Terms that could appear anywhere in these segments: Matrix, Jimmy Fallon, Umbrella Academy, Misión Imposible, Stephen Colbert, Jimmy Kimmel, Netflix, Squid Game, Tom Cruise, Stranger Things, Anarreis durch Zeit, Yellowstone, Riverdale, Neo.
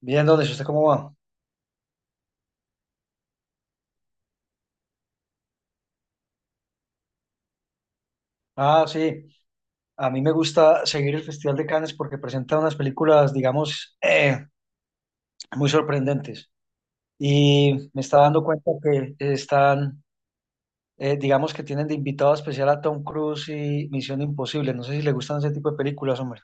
Bien, ¿dónde? ¿Usted cómo va? Ah, sí. A mí me gusta seguir el Festival de Cannes porque presenta unas películas, digamos, muy sorprendentes. Y me está dando cuenta que están, digamos, que tienen de invitado especial a Tom Cruise y Misión Imposible. No sé si le gustan ese tipo de películas, hombre.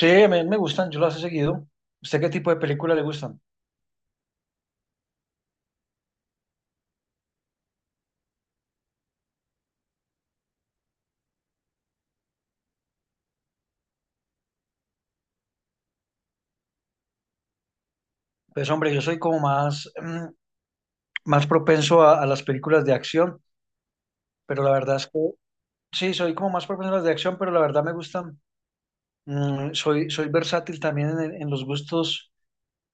Sí, a mí me gustan, yo las he seguido. ¿Usted qué tipo de películas le gustan? Pues, hombre, yo soy como más, más propenso a las películas de acción, pero la verdad es que sí, soy como más propenso a las de acción, pero la verdad me gustan. Soy, soy versátil también en, en los gustos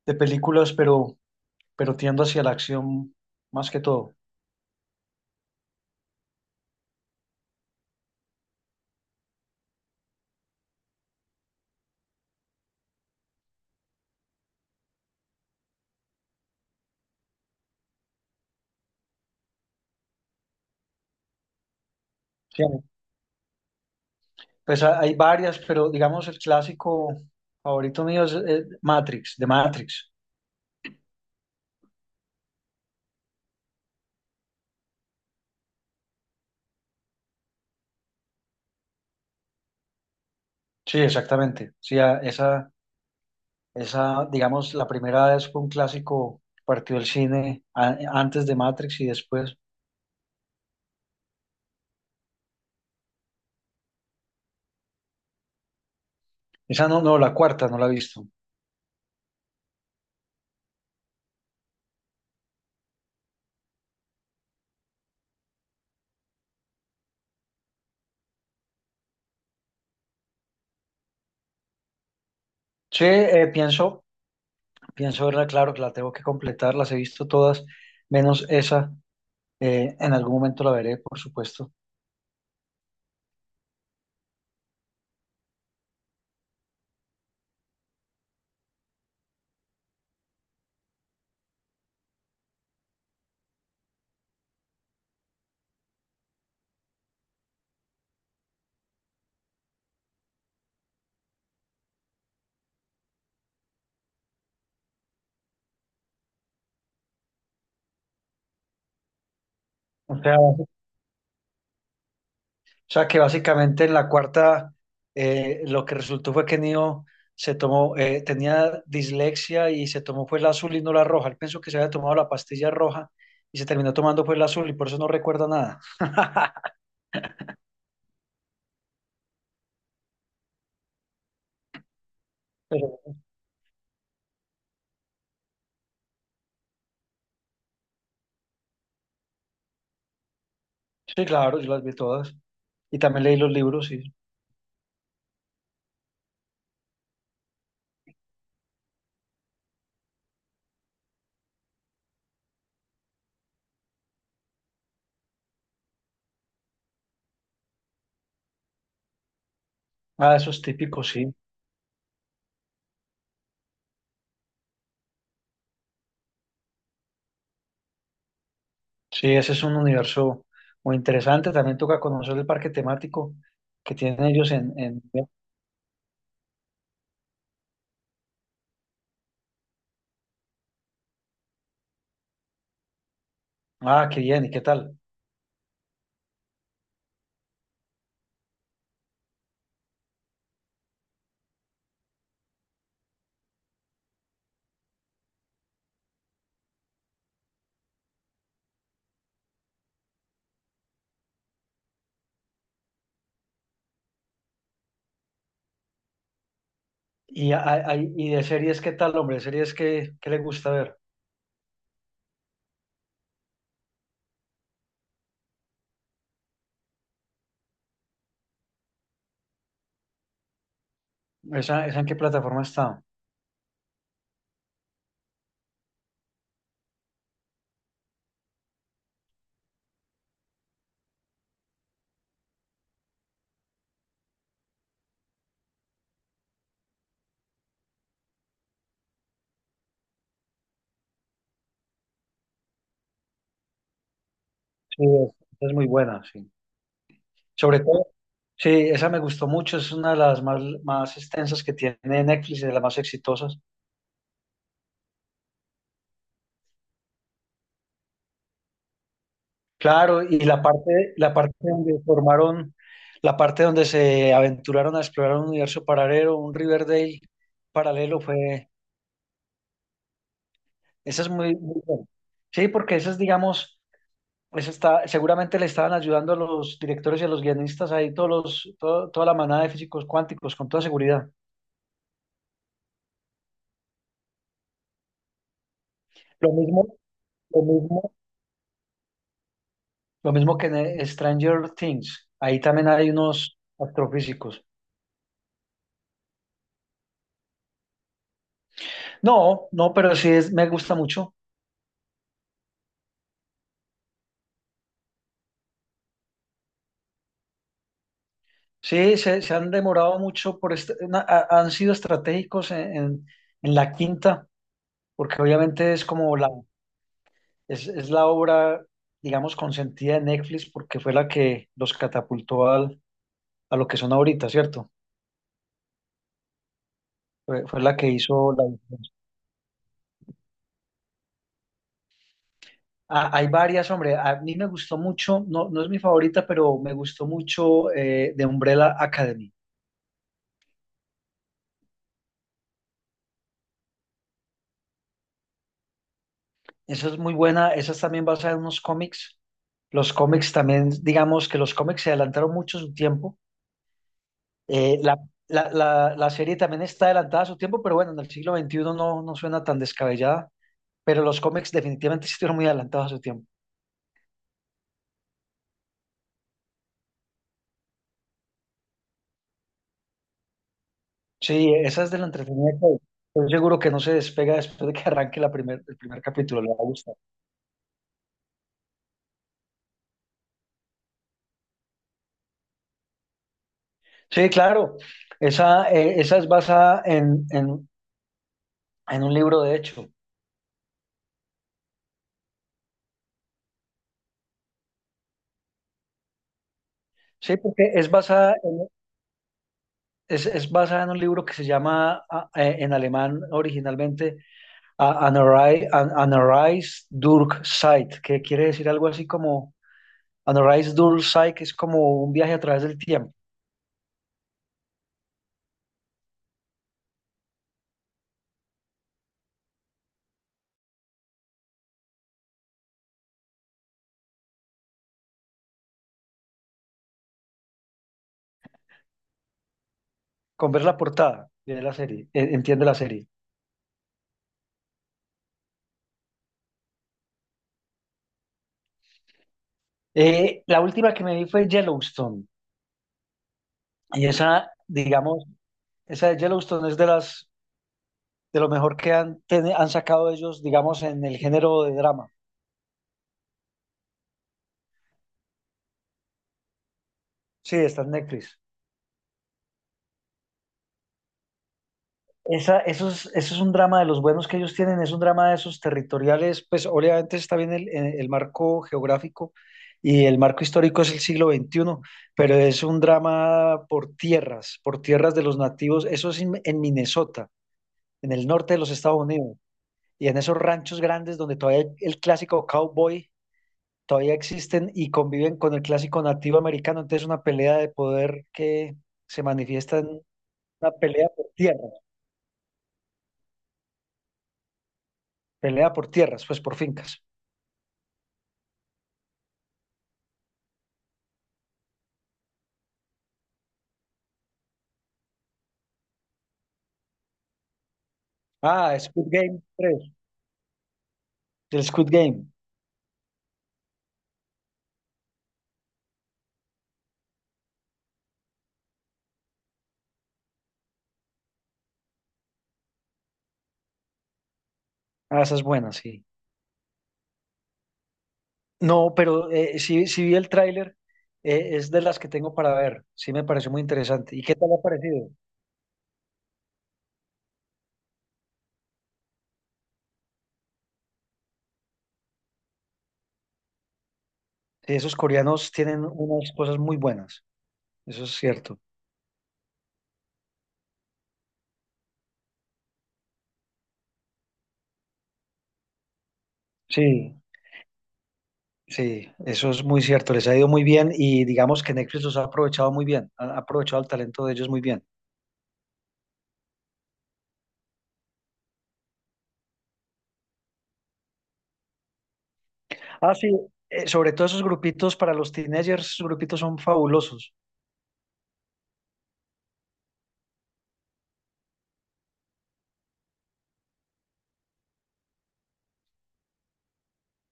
de películas, pero tiendo hacia la acción más que todo. Sí, pues hay varias, pero digamos el clásico favorito mío es Matrix, de Matrix. Sí, exactamente. Sí, esa, digamos, la primera vez fue un clásico, partió el cine antes de Matrix y después. Esa no, no, la cuarta no la he visto. Sí, pienso verla, claro que la tengo que completar, las he visto todas, menos esa. En algún momento la veré, por supuesto. O sea que básicamente en la cuarta lo que resultó fue que Neo se tomó, tenía dislexia y se tomó pues la azul y no la roja. Él pensó que se había tomado la pastilla roja y se terminó tomando pues la azul y por eso no recuerda nada. Pero sí, claro, yo las vi todas. Y también leí los libros y ah, eso es típico, sí. Sí, ese es un universo muy interesante. También toca conocer el parque temático que tienen ellos en... Ah, qué bien, ¿y qué tal? Y, y de series, ¿qué tal, hombre? ¿Series qué le gusta ver? Esa en qué plataforma está? Sí, es muy buena, sí. Sobre todo, sí, esa me gustó mucho, es una de más extensas que tiene Netflix, de las más exitosas. Claro, y la parte donde formaron, la parte donde se aventuraron a explorar un universo paralelo, un Riverdale paralelo, fue, esa es muy, muy buena. Sí, porque esa es, digamos, eso está, seguramente le estaban ayudando a los directores y a los guionistas ahí, toda la manada de físicos cuánticos, con toda seguridad. Lo mismo, lo mismo, lo mismo que en Stranger Things. Ahí también hay unos astrofísicos. No, no, pero sí es, me gusta mucho. Sí, se han demorado mucho por han sido estratégicos en la quinta, porque obviamente es como es la obra, digamos, consentida de Netflix, porque fue la que los catapultó al a lo que son ahorita, ¿cierto? Fue la que hizo la diferencia. Ah, hay varias, hombre. A mí me gustó mucho, no, no es mi favorita, pero me gustó mucho de Umbrella Academy. Esa es muy buena, esa es también basada en unos cómics. Los cómics también, digamos que los cómics se adelantaron mucho su tiempo. Eh, la, la serie también está adelantada a su tiempo, pero bueno, en el siglo veintiuno no, no suena tan descabellada, pero los cómics definitivamente sí estuvieron muy adelantados a su tiempo. Sí, esa es de la entretenida que estoy seguro que no se despega después de que arranque el primer capítulo, le va a gustar. Sí, claro, esa es basada en un libro, de hecho. Sí, porque es basada en, es basada en un libro que se llama en alemán originalmente Anarreis durch Zeit, que quiere decir algo así como Anarreis durch Zeit, que es como un viaje a través del tiempo. Con ver la portada, de la serie, entiende la serie. La última que me vi fue Yellowstone. Y esa, digamos, esa de Yellowstone es de las, de lo mejor que han sacado ellos, digamos, en el género de drama. Sí, está en Netflix. Eso es un drama de los buenos que ellos tienen, es un drama de esos territoriales, pues obviamente está bien marco geográfico y el marco histórico es el siglo XXI, pero es un drama por tierras de los nativos, eso es en Minnesota, en el norte de los Estados Unidos. Y en esos ranchos grandes donde todavía el clásico cowboy todavía existen y conviven con el clásico nativo americano. Entonces, una pelea de poder que se manifiesta en una pelea por tierra, pelea por tierras, pues por fincas. Ah, Squid Game 3, el Squid Game. Ah, esa es buena, sí. No, pero sí vi el tráiler, es de las que tengo para ver. Sí me pareció muy interesante. ¿Y qué tal ha parecido? Sí, esos coreanos tienen unas cosas muy buenas, eso es cierto. Sí, sí, eso es muy cierto, les ha ido muy bien y digamos que Netflix los ha aprovechado muy bien, ha aprovechado el talento de ellos muy bien. Ah, sí, sobre todo esos grupitos para los teenagers, esos grupitos son fabulosos.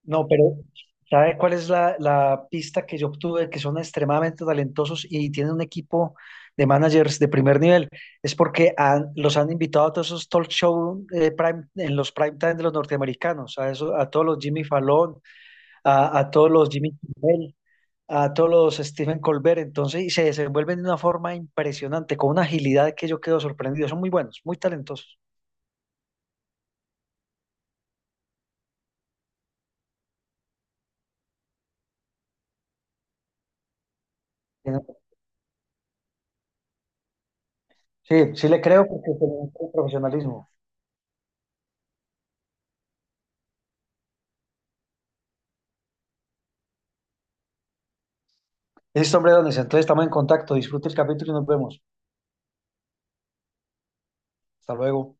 No, pero ¿sabe cuál es la pista que yo obtuve? Que son extremadamente talentosos y tienen un equipo de managers de primer nivel. Es porque los han invitado a todos esos talk show en los prime time de los norteamericanos, a todos los Jimmy Fallon, a todos los Jimmy Kimmel, a todos los Stephen Colbert, entonces, y se desenvuelven de una forma impresionante, con una agilidad que yo quedo sorprendido. Son muy buenos, muy talentosos. Sí, sí le creo porque se mucho profesionalismo. Listo, hombre, Donis, entonces estamos en contacto. Disfrute el capítulo y nos vemos. Hasta luego.